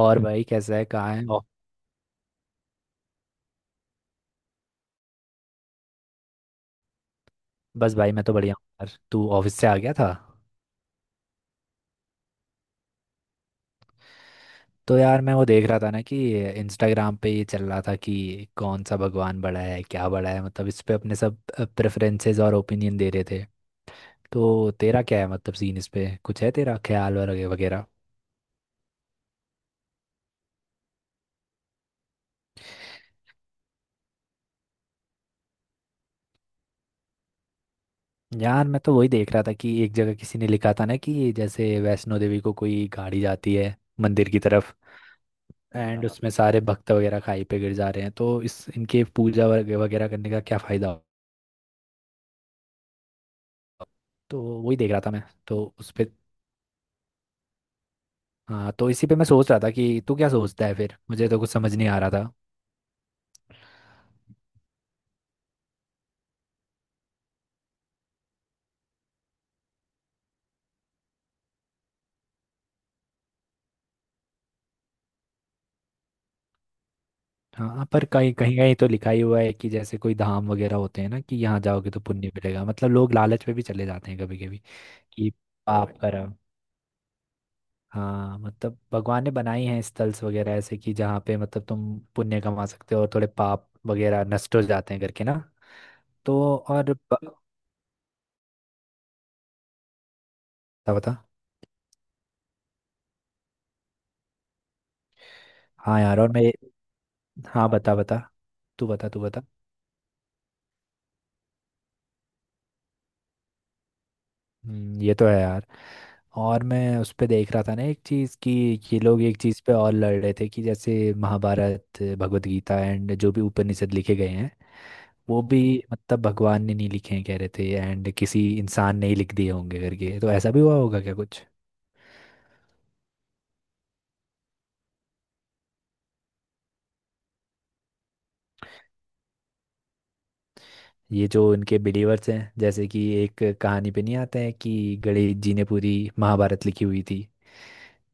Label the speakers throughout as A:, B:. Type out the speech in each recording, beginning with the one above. A: और भाई कैसा है, कहाँ है ओ? बस भाई, मैं तो बढ़िया हूँ यार। तू ऑफिस से आ गया था? तो यार मैं वो देख रहा था ना कि इंस्टाग्राम पे ये चल रहा था कि कौन सा भगवान बड़ा है, क्या बड़ा है, मतलब इस पे अपने सब प्रेफरेंसेस और ओपिनियन दे रहे थे। तो तेरा क्या है, मतलब सीन इस पे कुछ है तेरा ख्याल वगैरह वगैरह? यार मैं तो वही देख रहा था कि एक जगह किसी ने लिखा था ना कि जैसे वैष्णो देवी को कोई गाड़ी जाती है मंदिर की तरफ। एंड हाँ उसमें सारे भक्त वगैरह खाई पे गिर जा रहे हैं, तो इस इनके पूजा वगैरह करने का क्या फायदा? तो वही देख रहा था मैं तो उस पे। हाँ तो इसी पे मैं सोच रहा था कि तू क्या सोचता है, फिर मुझे तो कुछ समझ नहीं आ रहा था। हाँ पर कहीं कहीं कहीं तो लिखा ही हुआ है कि जैसे कोई धाम वगैरह होते हैं ना कि यहाँ जाओगे तो पुण्य मिलेगा, मतलब लोग लालच में भी चले जाते हैं कभी कभी। कि पाप करा। हाँ मतलब भगवान ने बनाई हैं स्थल्स वगैरह ऐसे कि जहाँ पे मतलब तुम पुण्य कमा सकते हो और थोड़े पाप वगैरह नष्ट हो जाते हैं करके ना। तो और बता बता। हाँ यार और मैं। हाँ बता बता। तू बता तू बता। ये तो है यार। और मैं उस पे देख रहा था ना एक चीज़ कि ये लोग एक चीज़ पे और लड़ रहे थे कि जैसे महाभारत, भगवत गीता एंड जो भी उपनिषद लिखे गए हैं वो भी मतलब भगवान ने नहीं लिखे हैं कह रहे थे, एंड किसी इंसान ने ही लिख दिए होंगे करके, तो ऐसा भी हुआ होगा क्या कुछ। ये जो इनके बिलीवर्स हैं जैसे कि एक कहानी पे नहीं आता है कि गणेश जी ने पूरी महाभारत लिखी हुई थी,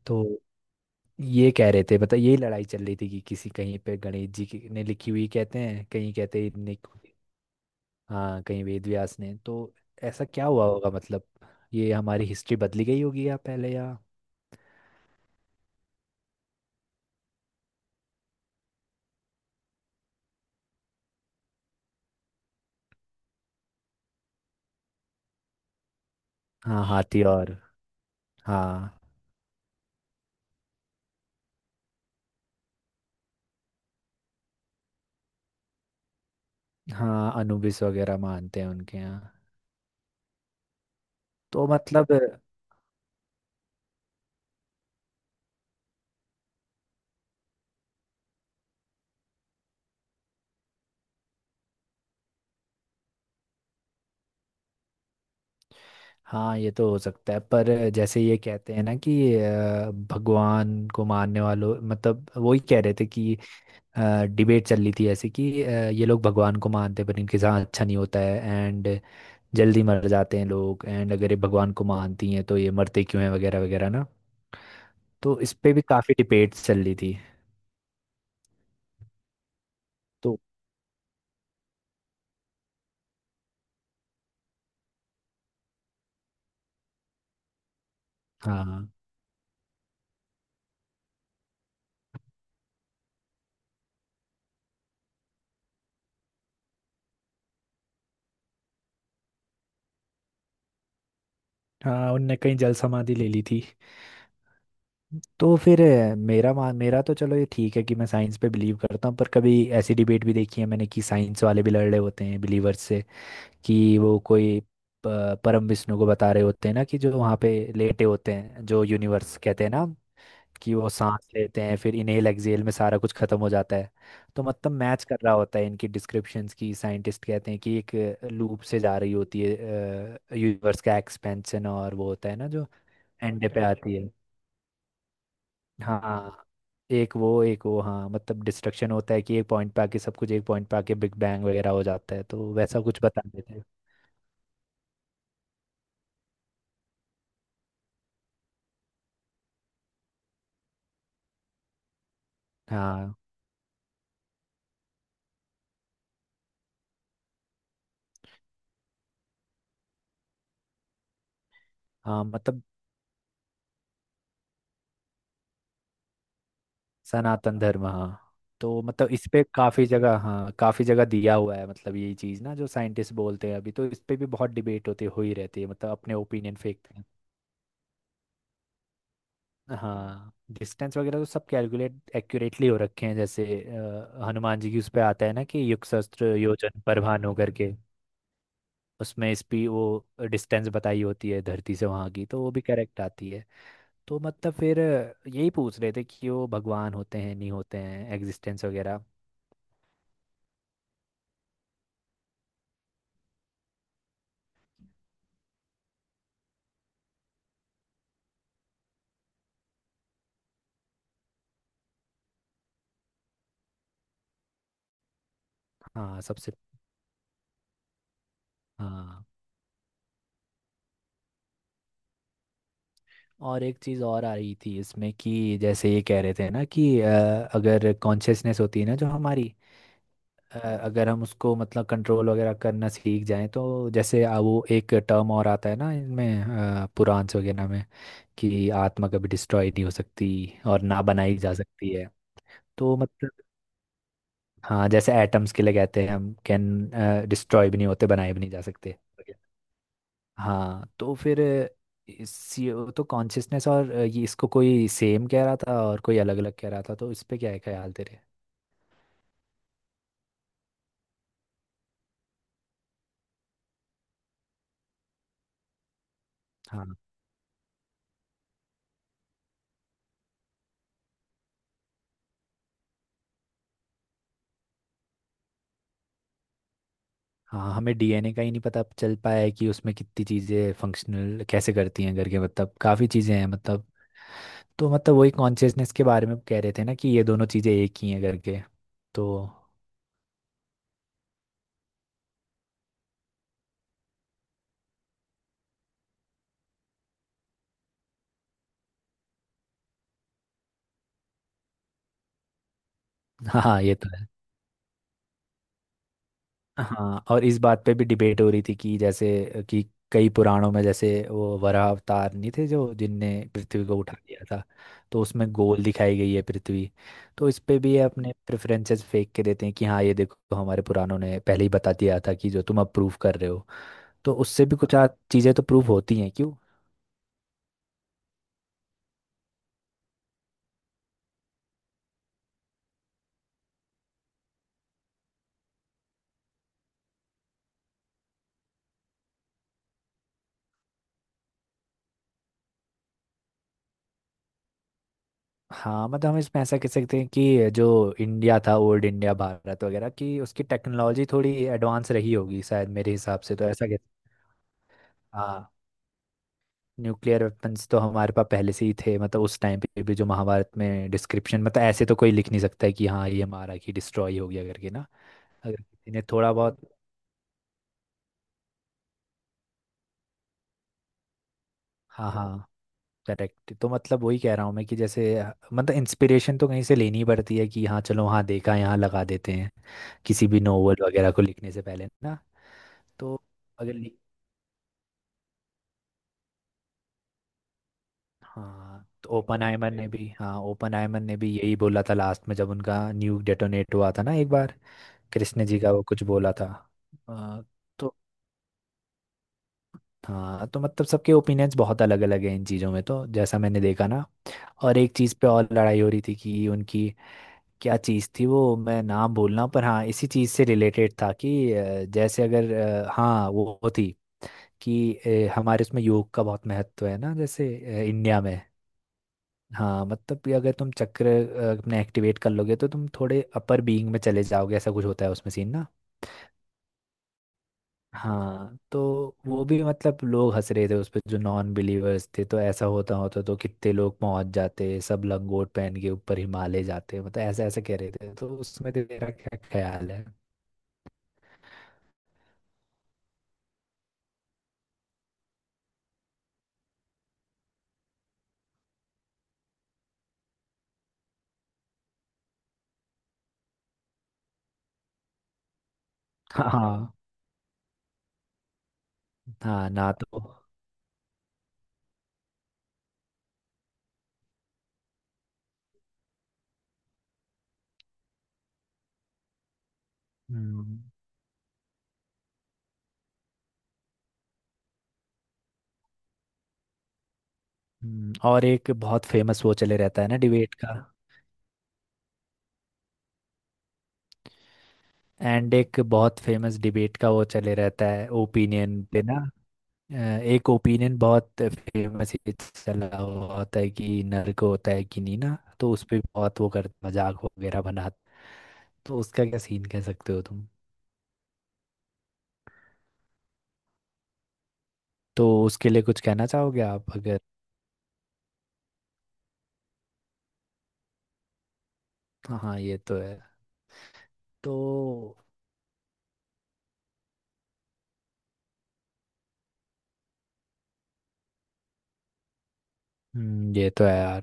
A: तो ये कह रहे थे मतलब यही लड़ाई चल रही थी कि किसी कहीं पे गणेश जी की ने लिखी हुई कहते हैं, कहीं कहते हैं इनने। हाँ कहीं वेद व्यास ने तो ऐसा क्या हुआ होगा मतलब ये हमारी हिस्ट्री बदली गई होगी या पहले या। हाँ हाथी और। हाँ। हाँ अनुबिस वगैरह मानते हैं उनके यहाँ। तो मतलब। हाँ ये तो हो सकता है पर जैसे ये कहते हैं ना कि भगवान को मानने वालों मतलब वही कह रहे थे कि डिबेट चल रही थी ऐसे कि ये लोग भगवान को मानते हैं, पर इनके साथ अच्छा नहीं होता है एंड जल्दी मर जाते हैं लोग, एंड अगर ये भगवान को मानती हैं तो ये मरते क्यों हैं वगैरह वगैरह ना। तो इस पे भी काफ़ी डिबेट चल रही थी। तो। हाँ। हाँ उनने कहीं जल समाधि ले ली थी। तो फिर मेरा तो चलो ये ठीक है कि मैं साइंस पे बिलीव करता हूँ, पर कभी ऐसी डिबेट भी देखी है मैंने कि साइंस वाले भी लड़ रहे होते हैं बिलीवर्स से कि वो कोई परम विष्णु को बता रहे होते हैं ना कि जो वहाँ पे लेटे होते हैं जो यूनिवर्स कहते हैं ना कि वो सांस लेते हैं, फिर इनहेल एक्सहेल में सारा कुछ खत्म हो जाता है। तो मतलब मैच कर रहा होता है इनकी डिस्क्रिप्शंस की, साइंटिस्ट कहते हैं कि एक लूप से जा रही होती है यूनिवर्स का एक्सपेंशन, और वो होता है ना जो एंड पे आती है। हाँ। एक वो हाँ मतलब डिस्ट्रक्शन होता है कि एक पॉइंट पे आके सब कुछ, एक पॉइंट पे आके बिग बैंग वगैरह हो जाता है, तो वैसा कुछ बता देते हैं। हाँ। हाँ मतलब सनातन धर्म हाँ। तो मतलब इस पे काफी जगह, हाँ, काफी जगह दिया हुआ है, मतलब यही चीज ना जो साइंटिस्ट बोलते हैं अभी, तो इस पे भी बहुत डिबेट होते हो ही रहती है, मतलब अपने ओपिनियन फेंकते हैं। हाँ डिस्टेंस वगैरह तो सब कैलकुलेट एक्यूरेटली हो रखे हैं, जैसे हनुमान जी की उस पे आता है ना कि युग सहस्त्र योजन पर भानु करके, उसमें इस भी वो डिस्टेंस बताई होती है धरती से वहाँ की, तो वो भी करेक्ट आती है। तो मतलब फिर यही पूछ रहे थे कि वो भगवान होते हैं नहीं होते हैं, एग्जिस्टेंस वगैरह। हाँ सबसे। हाँ और एक चीज़ और आ रही थी इसमें कि जैसे ये कह रहे थे ना कि अगर कॉन्शियसनेस होती है ना जो हमारी, अगर हम उसको मतलब कंट्रोल वगैरह करना सीख जाएं तो जैसे वो एक टर्म और आता है ना इनमें, पुराण्स वगैरह में कि आत्मा कभी डिस्ट्रॉय नहीं हो सकती और ना बनाई जा सकती है। तो मतलब। हाँ जैसे एटम्स के लिए कहते हैं हम कैन डिस्ट्रॉय भी नहीं होते, बनाए भी नहीं जा सकते। हाँ तो फिर इसी तो कॉन्शियसनेस और ये इसको कोई सेम कह रहा था और कोई अलग अलग कह रहा था, तो इस पे क्या है ख्याल तेरे? हाँ। हाँ हमें डीएनए का ही नहीं पता चल पाया है कि उसमें कितनी चीज़ें फंक्शनल कैसे करती हैं करके, मतलब काफ़ी चीज़ें हैं मतलब। तो मतलब वही कॉन्शियसनेस के बारे में कह रहे थे ना कि ये दोनों चीज़ें एक ही हैं करके। तो। हाँ ये तो है। हाँ और इस बात पे भी डिबेट हो रही थी कि जैसे कि कई पुराणों में जैसे वो वराह अवतार नहीं थे जो जिनने पृथ्वी को उठा लिया था, तो उसमें गोल दिखाई गई है पृथ्वी, तो इस पे भी ये अपने प्रेफरेंसेस फेंक के देते हैं कि हाँ ये देखो हमारे पुराणों ने पहले ही बता दिया था कि जो तुम अब प्रूफ कर रहे हो, तो उससे भी कुछ चीज़ें तो प्रूफ होती हैं क्यों। हाँ मतलब हम इसमें ऐसा कह सकते हैं कि जो इंडिया था, ओल्ड इंडिया भारत वगैरह, की उसकी टेक्नोलॉजी थोड़ी एडवांस रही होगी शायद, मेरे हिसाब से तो ऐसा कह। हाँ न्यूक्लियर वेपन्स तो हमारे पास पहले से ही थे, मतलब उस टाइम पे भी जो महाभारत में डिस्क्रिप्शन, मतलब ऐसे तो कोई लिख नहीं सकता है कि हाँ ये हमारा की डिस्ट्रॉय हो गया करके ना, अगर किसी ने थोड़ा बहुत। हाँ हाँ करेक्ट, तो मतलब वही कह रहा हूँ मैं कि जैसे मतलब इंस्पिरेशन तो कहीं से लेनी ही पड़ती है कि हाँ चलो हाँ देखा यहाँ लगा देते हैं, किसी भी नोवेल वगैरह को लिखने से पहले ना। तो अगर लिख। हाँ तो ओपनहाइमर ने भी यही बोला था लास्ट में, जब उनका न्यूक डेटोनेट हुआ था ना एक बार, कृष्ण जी का वो कुछ बोला था। आ, तो हाँ तो मतलब सबके ओपिनियंस बहुत अलग अलग हैं इन चीज़ों में, तो जैसा मैंने देखा ना। और एक चीज़ पे और लड़ाई हो रही थी कि उनकी क्या चीज़ थी, वो मैं नाम बोल रहा हूँ पर, हाँ इसी चीज़ से रिलेटेड था कि जैसे अगर, हाँ वो थी कि हमारे उसमें योग का बहुत महत्व है ना जैसे इंडिया में। हाँ मतलब कि अगर तुम चक्र अपने एक्टिवेट कर लोगे तो तुम थोड़े अपर बीइंग में चले जाओगे, ऐसा कुछ होता है उसमें सीन ना। हाँ तो वो भी मतलब लोग हंस रहे थे उस पर जो नॉन बिलीवर्स थे, तो ऐसा होता होता तो कितने लोग पहुंच जाते, सब लंगोट पहन के ऊपर हिमालय जाते, मतलब ऐसा ऐसा कह रहे थे, तो उसमें तेरा क्या ख्याल है? हाँ हाँ ना तो। हम्म और एक बहुत फेमस वो चले रहता है ना डिबेट का। एंड एक बहुत फेमस डिबेट का वो चले रहता है ओपिनियन पे ना, अ, एक ओपिनियन बहुत फेमस चला हुआ होता है कि नर्क होता है कि नहीं ना, तो उस पे बहुत वो कर मजाक वगैरह बना, तो उसका क्या सीन कह सकते हो तुम? तो उसके लिए कुछ कहना चाहोगे आप अगर। हाँ ये तो है तो। ये तो है यार।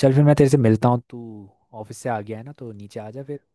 A: चल फिर मैं तेरे से मिलता हूँ। तू ऑफिस से आ गया है ना तो नीचे आ जा फिर।